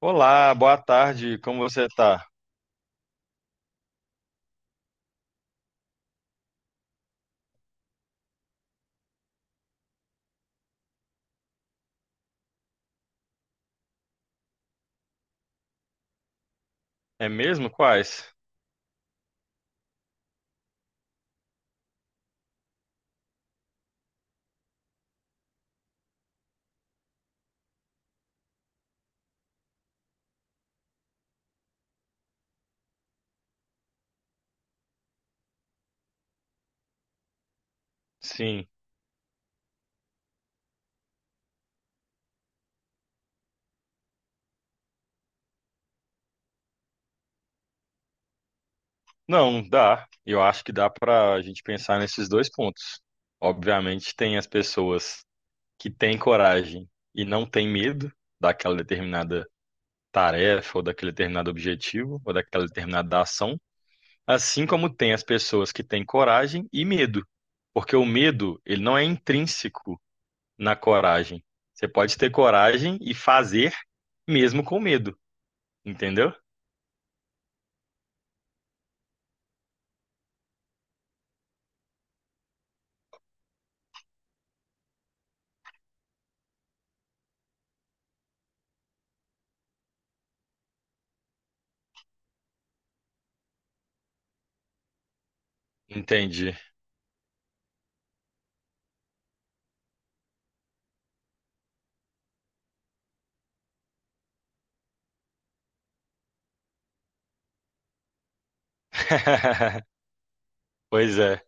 Olá, boa tarde, como você tá? É mesmo? Quais? Sim. Não, dá. Eu acho que dá pra gente pensar nesses dois pontos. Obviamente, tem as pessoas que têm coragem e não têm medo daquela determinada tarefa, ou daquele determinado objetivo, ou daquela determinada ação, assim como tem as pessoas que têm coragem e medo, porque o medo, ele não é intrínseco na coragem. Você pode ter coragem e fazer mesmo com medo, entendeu? Entendi. Pois é.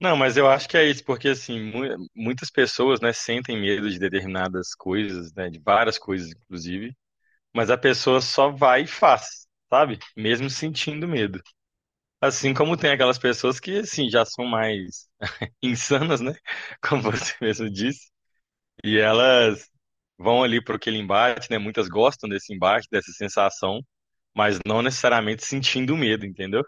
Não, mas eu acho que é isso, porque assim, muitas pessoas, né, sentem medo de determinadas coisas, né, de várias coisas, inclusive, mas a pessoa só vai e faz, sabe? Mesmo sentindo medo. Assim como tem aquelas pessoas que, assim, já são mais insanas, né, como você mesmo disse, e elas vão ali para aquele embate, né, muitas gostam desse embate, dessa sensação, mas não necessariamente sentindo medo, entendeu?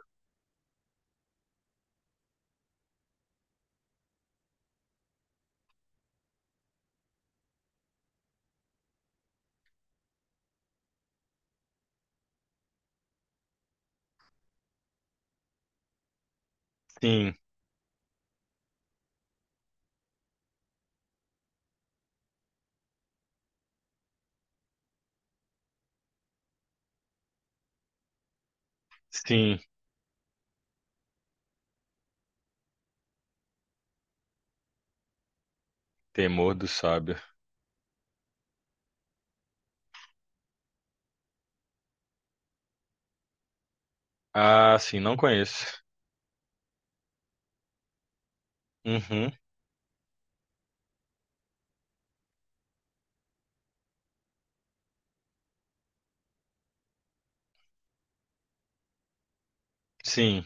Sim, sim. Temor do Sábio. Ah, sim, não conheço. Uhum, sim,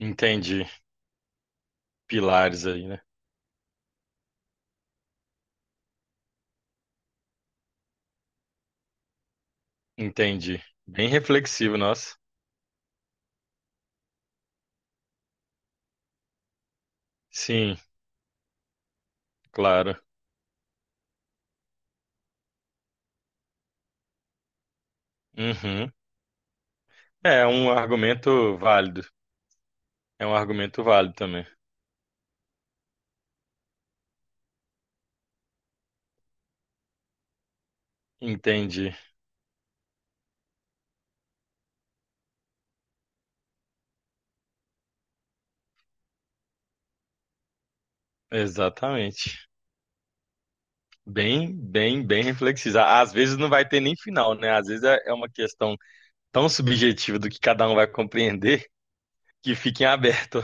entendi. Pilares aí, né? Entendi. Bem reflexivo, nossa. Sim, claro. Uhum. É um argumento válido. É um argumento válido também. Entendi. Exatamente. Bem, bem, bem reflexivo. Às vezes não vai ter nem final, né? Às vezes é uma questão tão subjetiva do que cada um vai compreender que fica em aberto.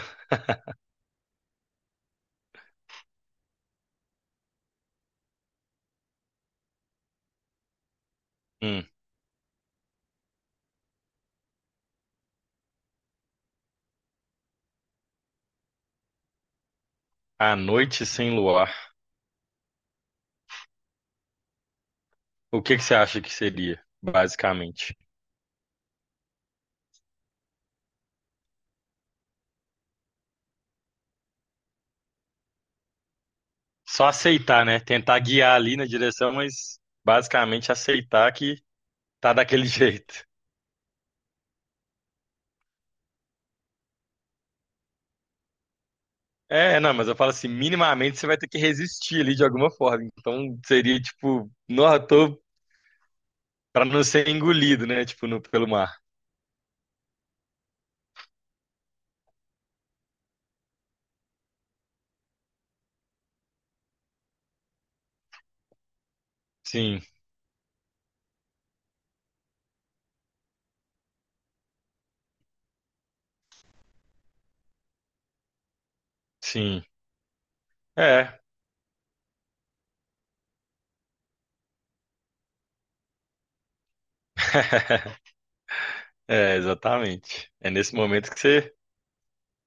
Hum. A noite sem luar. O que que você acha que seria, basicamente? Só aceitar, né? Tentar guiar ali na direção, mas basicamente aceitar que tá daquele jeito. É, não, mas eu falo assim, minimamente você vai ter que resistir ali de alguma forma. Então seria tipo, não, eu tô pra não ser engolido, né? Tipo, no, pelo mar. Sim, sim. É. É, exatamente. É nesse momento que você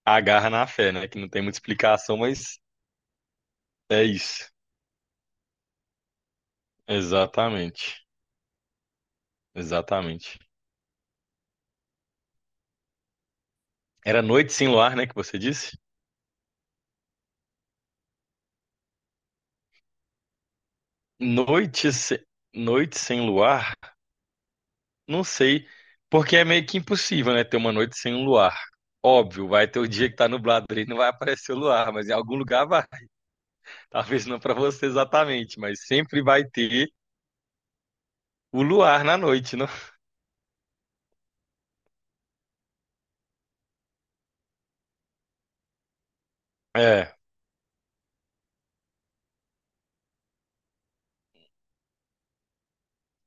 agarra na fé, né? Que não tem muita explicação, mas é isso. Exatamente. Exatamente. Era Noite Sem Luar, né, que você disse? Noite, se- Noite sem luar? Não sei, porque é meio que impossível, né, ter uma noite sem um luar. Óbvio, vai ter o dia que tá nublado ali, não vai aparecer o luar, mas em algum lugar vai. Talvez não para você exatamente, mas sempre vai ter o luar na noite, não? É,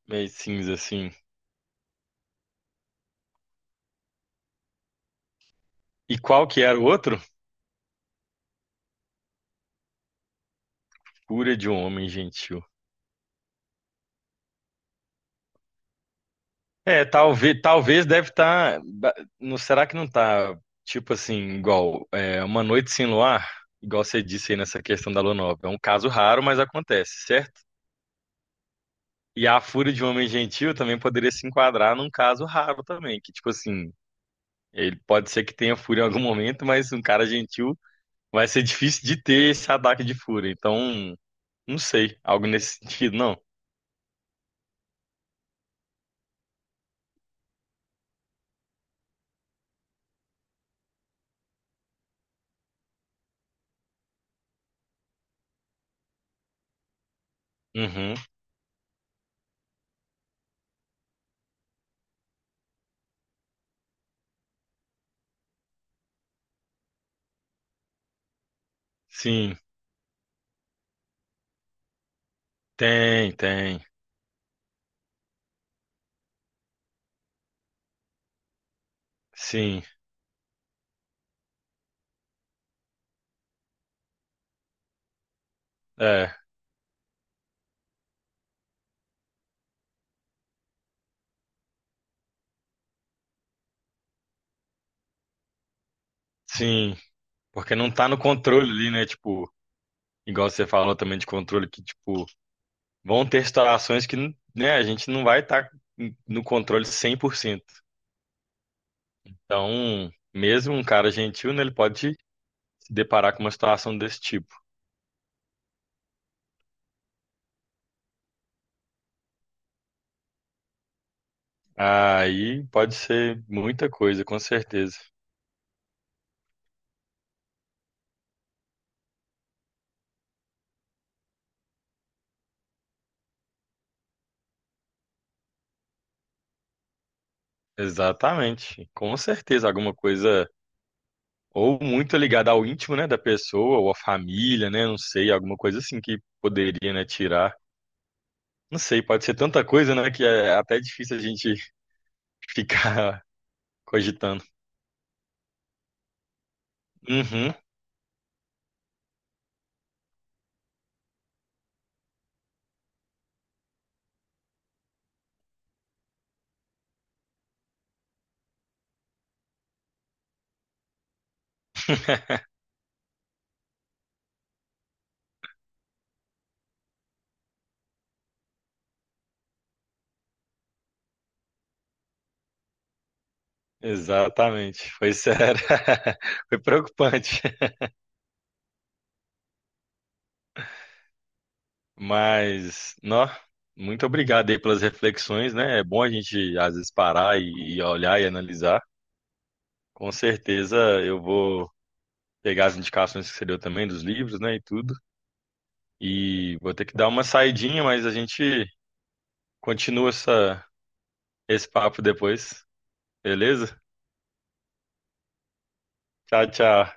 meio cinza assim. E qual que era o outro? Cura de um homem gentil. É, talvez, talvez deve estar. Não, será que não tá, tipo assim, igual é, uma noite sem luar? Igual você disse aí nessa questão da lua nova. É um caso raro, mas acontece, certo? E a fúria de um homem gentil também poderia se enquadrar num caso raro também, que, tipo assim, ele pode ser que tenha fúria em algum momento, mas um cara gentil vai ser difícil de ter esse ataque de fúria. Então, não sei, algo nesse sentido, não. Uhum. Sim, tem, tem. Sim, é, sim. Porque não tá no controle ali, né? Tipo, igual você falou também de controle, que, tipo, vão ter situações que, né, a gente não vai estar no controle 100%. Então, mesmo um cara gentil, né, ele pode se deparar com uma situação desse tipo. Aí pode ser muita coisa, com certeza. Exatamente. Com certeza, alguma coisa ou muito ligada ao íntimo, né, da pessoa, ou à família, né, não sei, alguma coisa assim que poderia, né, tirar. Não sei, pode ser tanta coisa, né, que é até difícil a gente ficar cogitando. Uhum. Exatamente, foi sério, foi preocupante, mas, nó, muito obrigado aí pelas reflexões, né? É bom a gente às vezes parar e olhar e analisar. Com certeza eu vou pegar as indicações que você deu também dos livros, né, e tudo, e vou ter que dar uma saidinha, mas a gente continua essa, esse papo depois, beleza? Tchau, tchau.